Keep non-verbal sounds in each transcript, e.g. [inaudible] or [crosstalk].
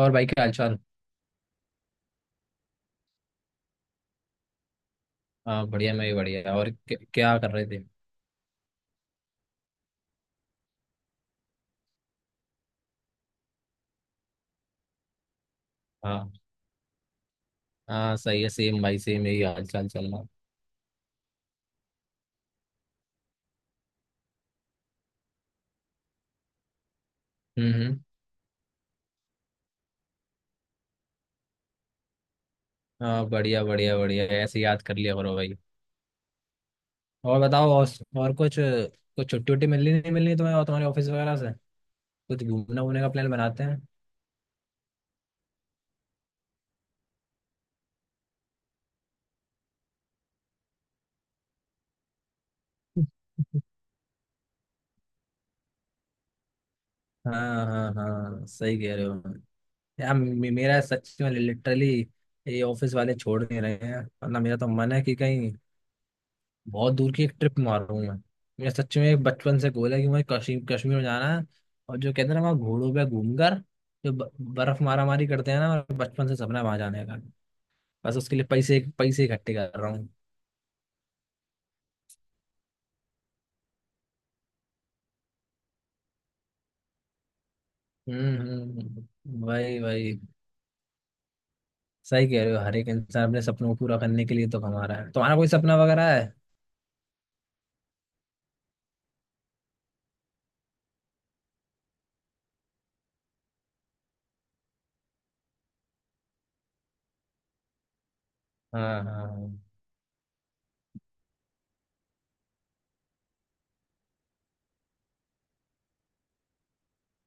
और भाई क्या हालचाल? हाँ, बढ़िया। मैं भी बढ़िया। और क्या, क्या कर रहे थे? हाँ, हाँ, सही है। सेम भाई सेम, यही हालचाल चल रहा। हम्म, हम्म। हाँ, बढ़िया बढ़िया बढ़िया। ऐसे याद कर लिया करो भाई। और बताओ। और कुछ कुछ छुट्टी उट्टी मिलनी नहीं मिलनी तुम्हें और तुम्हारे ऑफिस वगैरह से? कुछ घूमने वूमने का प्लान बनाते हैं? [laughs] हाँ, हाँ, हाँ, सही कह रहे हो। यार मेरा सच में लिटरली ये ऑफिस वाले छोड़ नहीं रहे हैं, वरना मेरा तो मन है कि कहीं बहुत दूर की एक ट्रिप मारूं मैं। मेरा सच में एक बचपन से गोल है कि मुझे कश्मीर कश्मीर में जाना है। और जो कहते हैं ना, वहाँ घोड़ों पे घूमकर जो बर्फ मारा मारी करते हैं ना, मेरा बचपन से सपना है वहां जाने का। बस उसके लिए पैसे पैसे इकट्ठे कर रहा हूँ। हम्म, वही वही। सही कह रहे हो। हर एक इंसान अपने सपनों को पूरा करने के लिए तो कमा रहा है। तुम्हारा कोई सपना वगैरह है? हाँ, हाँ, हाँ।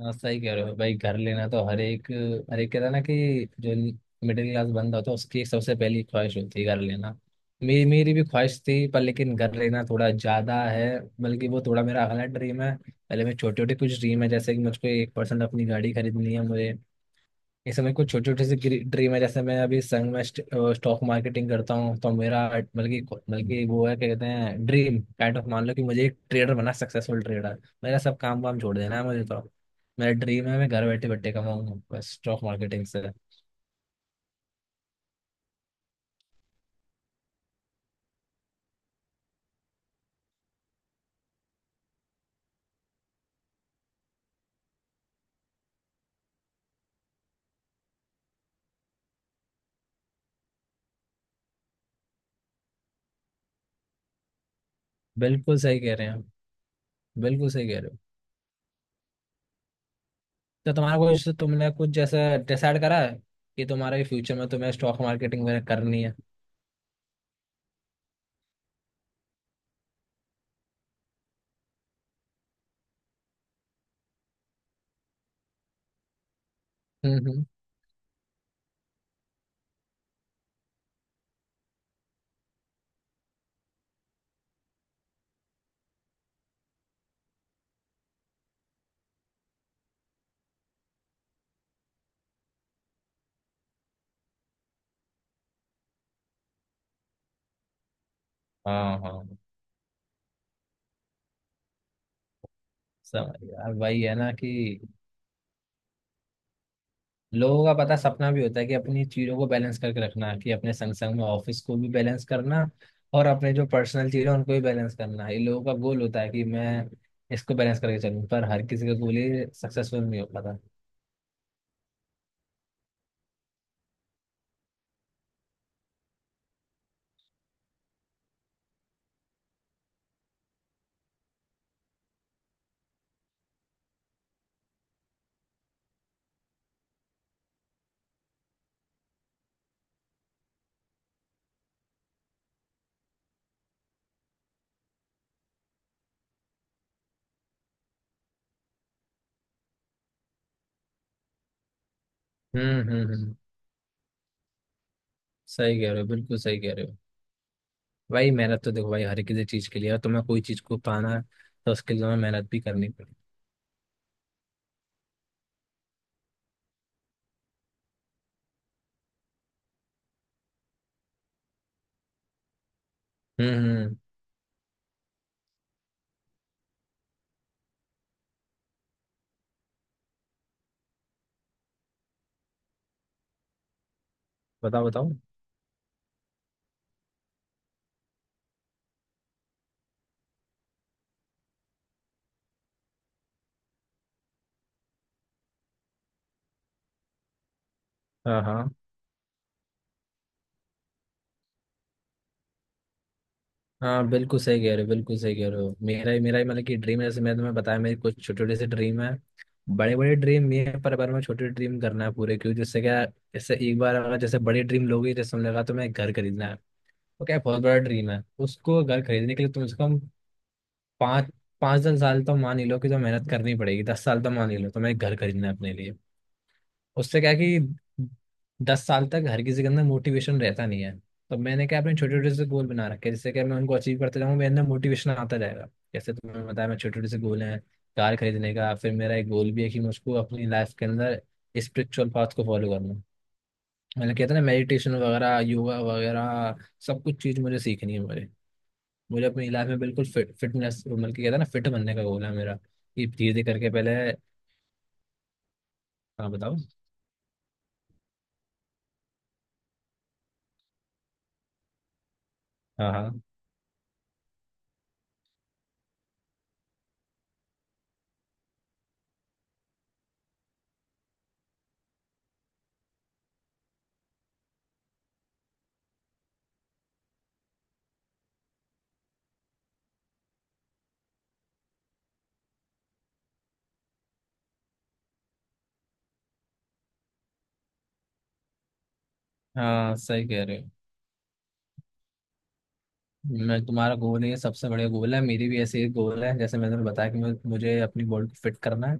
हाँ, सही कह रहे हो भाई। घर लेना तो हर एक, हर एक कहता है ना कि जो मिडिल क्लास बंदा होता है, उसकी सबसे पहली ख्वाहिश होती है घर लेना। मेरी मेरी भी ख्वाहिश थी, पर लेकिन घर लेना थोड़ा ज्यादा है, बल्कि वो थोड़ा मेरा अगला ड्रीम है। पहले मैं छोटे छोटे कुछ ड्रीम है, जैसे कि मुझको 1% अपनी गाड़ी खरीदनी है मुझे। इस समय कुछ छोटे छोटे से ड्रीम है, जैसे मैं अभी संग में स्टॉक मार्केटिंग करता हूँ, तो मेरा बल्कि बल्कि वो है क्या कहते हैं ड्रीम काइंड ऑफ, मान लो कि मुझे एक ट्रेडर बनना, सक्सेसफुल ट्रेडर। मेरा सब काम वाम छोड़ देना है मुझे तो। मेरा ड्रीम है मैं घर बैठे बैठे कमाऊँ, बस स्टॉक मार्केटिंग से। बिल्कुल सही कह रहे हैं आप। बिल्कुल सही कह रहे हो। तो तुम्हारा कुछ तुमने कुछ जैसा डिसाइड करा है कि तुम्हारे फ्यूचर में तुम्हें स्टॉक मार्केटिंग वगैरह करनी है? हम्म, हम्म। हाँ, हाँ। समझ यार वही है ना, कि लोगों का पता सपना भी होता है कि अपनी चीजों को बैलेंस करके रखना, कि अपने संग संग में ऑफिस को भी बैलेंस करना, और अपने जो पर्सनल चीजें हैं, उनको भी बैलेंस करना, ये लोगों का गोल होता है कि मैं इसको बैलेंस करके चलूं। पर हर किसी का गोल ये सक्सेसफुल नहीं हो पाता। हम्म, हम्म, हम्म। सही कह रहे हो। बिल्कुल सही कह रहे हो। भाई मेहनत तो देखो भाई, हर किसी चीज के लिए है। तुम्हें कोई चीज को पाना है, तो उसके लिए तुम्हें मेहनत भी करनी पड़ेगी। हम्म, हम्म। बताओ, बताओ। हाँ, हाँ। हाँ, बिल्कुल सही कह रहे हो। बिल्कुल सही कह रहे हो। मेरा ही मतलब कि ड्रीम है, जैसे मैंने तुम्हें बताया मेरी कुछ छोटे छोटे से ड्रीम है। बड़े बड़े ड्रीम भी हैं, पर मैं छोटे ड्रीम करना है पूरे क्यों जिससे क्या। जैसे एक बार अगर जैसे बड़े ड्रीम लोगे, जैसे हमने कहा तुम्हें एक घर खरीदना है, तो क्या बहुत बड़ा ड्रीम है, उसको घर खरीदने के लिए तुम से कम पाँच पाँच दस साल तो मान ही लो कि तो मेहनत करनी पड़ेगी। 10 साल तो मान ही लो तुम्हें एक घर खरीदना है अपने लिए। उससे क्या है कि 10 साल तक हर किसी के अंदर मोटिवेशन रहता नहीं है। तो मैंने क्या अपने छोटे छोटे से गोल बना रखे हैं, जिससे कि मैं उनको अचीव करते जाऊँ मेरे अंदर मोटिवेशन आता जाएगा। जैसे तुमने बताया मैं छोटे छोटे से गोल हैं, कार खरीदने का। फिर मेरा एक गोल भी है कि मैं उसको अपनी लाइफ के अंदर स्पिरिचुअल पाथ को फॉलो करना। मैंने कहता ना मेडिटेशन वगैरह योगा वगैरह, सब कुछ चीज़ मुझे सीखनी है मुझे। मुझे अपनी लाइफ में बिल्कुल फिट फिटनेस मतलब कि कहता ना फिट बनने का गोल है मेरा कि धीरे धीरे करके पहले। हाँ, बताओ। हाँ, हाँ, हाँ, सही कह रहे हो। मैं तुम्हारा गोल है सबसे बढ़िया गोल है। मेरी भी ऐसे ही गोल है, जैसे मैंने तुम्हें बताया कि मुझे मुझे अपनी बॉडी को फिट करना है।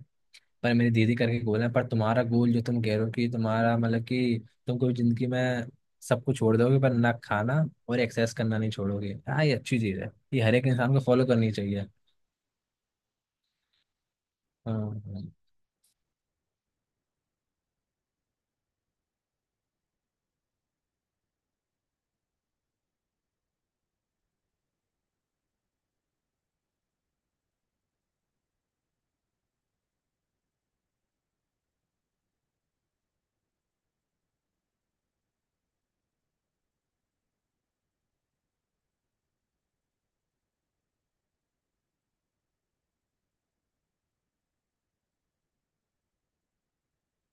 पर मेरी दीदी करके गोल है, पर तुम्हारा गोल जो तुम कह रहे हो कि तुम्हारा मतलब कि तुम कभी जिंदगी में सब कुछ छोड़ दोगे, पर ना खाना और एक्सरसाइज करना नहीं छोड़ोगे। हाँ, ये अच्छी चीज़ है, ये हर एक इंसान को फॉलो करनी चाहिए। हाँ, हाँ,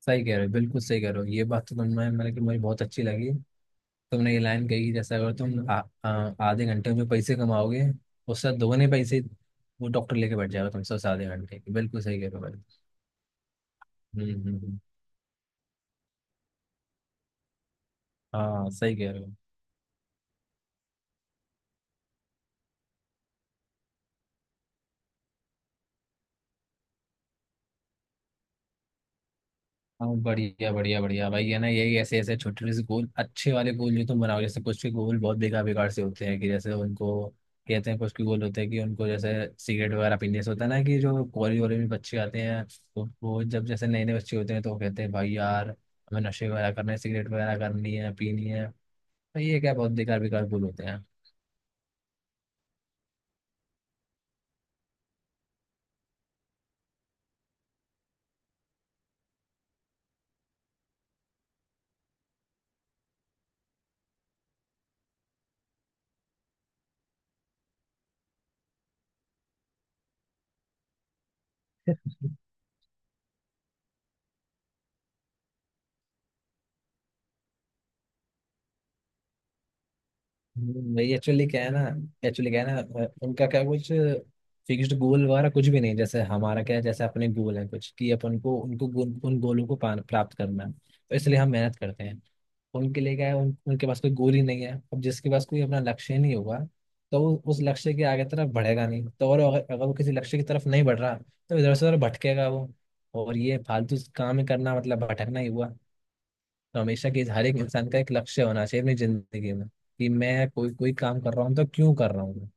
सही कह रहे हो। बिल्कुल सही कह रहे हो। ये बात तो तुमने मतलब कि मुझे बहुत अच्छी लगी। तुमने ये लाइन कही, जैसे अगर तुम आ, आ, आधे घंटे में पैसे कमाओगे, उससे दोगुने पैसे वो डॉक्टर लेके बैठ जाएगा तुमसे उस आधे घंटे के। बिल्कुल सही कह रहे हो भाई। हम्म, हम्म, हाँ, सही कह रहे हो। हाँ, बढ़िया बढ़िया बढ़िया भाई, है ना, यही ऐसे ऐसे छोटे छोटे से गोल, अच्छे वाले गोल जो तुम बनाओ। जैसे कुछ के गोल बहुत बेकार बेकार से होते हैं, कि जैसे उनको कहते हैं कुछ के गोल होते हैं कि उनको जैसे सिगरेट वगैरह पीने से होता है ना, कि जो कॉलेज वॉलेज में बच्चे आते हैं, तो वो जब जैसे नए नए बच्चे होते हैं तो वो कहते हैं भाई यार हमें नशे वगैरह करने हैं सिगरेट वगैरह करनी है पीनी है। भाई ये क्या बहुत बेकार बेकार बोल होते हैं। भाई एक्चुअली क्या है ना, उनका क्या कुछ फिक्स्ड गोल वगैरह कुछ भी नहीं, जैसे हमारा क्या है, जैसे अपने गोल है कुछ कि अपन को उनको गोल, उन गोलों को प्राप्त करना है, तो इसलिए हम मेहनत करते हैं। उनके लिए क्या है उनके पास कोई गोल ही नहीं है। अब जिसके पास कोई अपना लक्ष्य ही नहीं होगा, तो वो उस लक्ष्य के आगे तरफ बढ़ेगा नहीं। तो और अगर वो किसी लक्ष्य की तरफ नहीं बढ़ रहा, तो इधर से उधर भटकेगा वो। और ये फालतू काम ही करना मतलब भटकना ही हुआ। तो हमेशा कि हर एक इंसान का एक लक्ष्य होना चाहिए अपनी जिंदगी में, कि मैं कोई कोई काम कर रहा हूँ तो क्यों कर रहा हूँ मैं।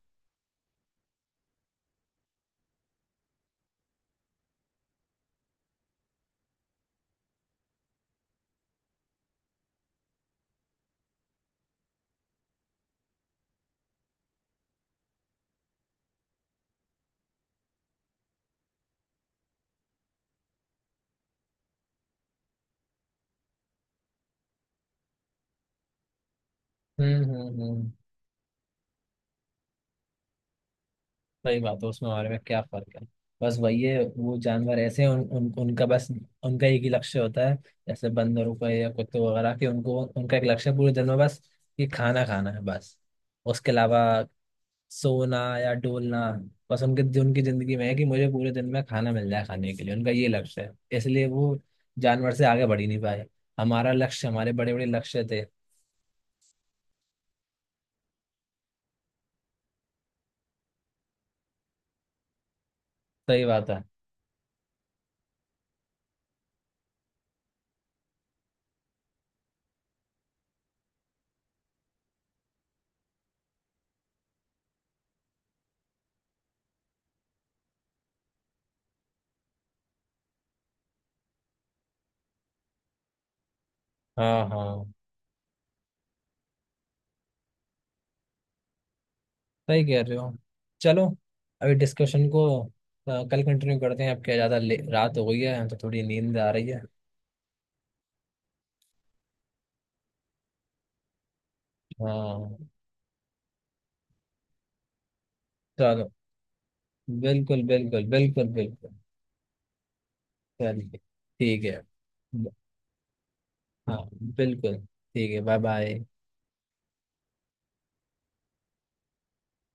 हम्म, हम्म, हम्म। सही बात है। उसमें हमारे में क्या फर्क है? बस वही है, वो जानवर ऐसे हैं। उन, उन उनका बस, उनका एक ही लक्ष्य होता है। जैसे बंदरों का या कुत्तों वगैरह के, उनको उनका एक लक्ष्य पूरे दिन में बस ये खाना खाना है। बस उसके अलावा सोना या डोलना। बस उनके उनकी जिंदगी में है कि मुझे पूरे दिन में खाना मिल जाए, खाने के लिए उनका ये लक्ष्य है, इसलिए वो जानवर से आगे बढ़ ही नहीं पाए। हमारा लक्ष्य, हमारे बड़े बड़े लक्ष्य थे। सही बात है। हाँ, हाँ, सही कह रहे हो। चलो, अभी डिस्कशन को कल कंटिन्यू करते हैं। अब क्या ज़्यादा रात हो गई है तो थोड़ी नींद आ रही है। हाँ। चलो। बिल्कुल, बिल्कुल, बिल्कुल, बिल्कुल। चलिए, ठीक है। ब- हाँ, बिल्कुल ठीक है। Bye bye.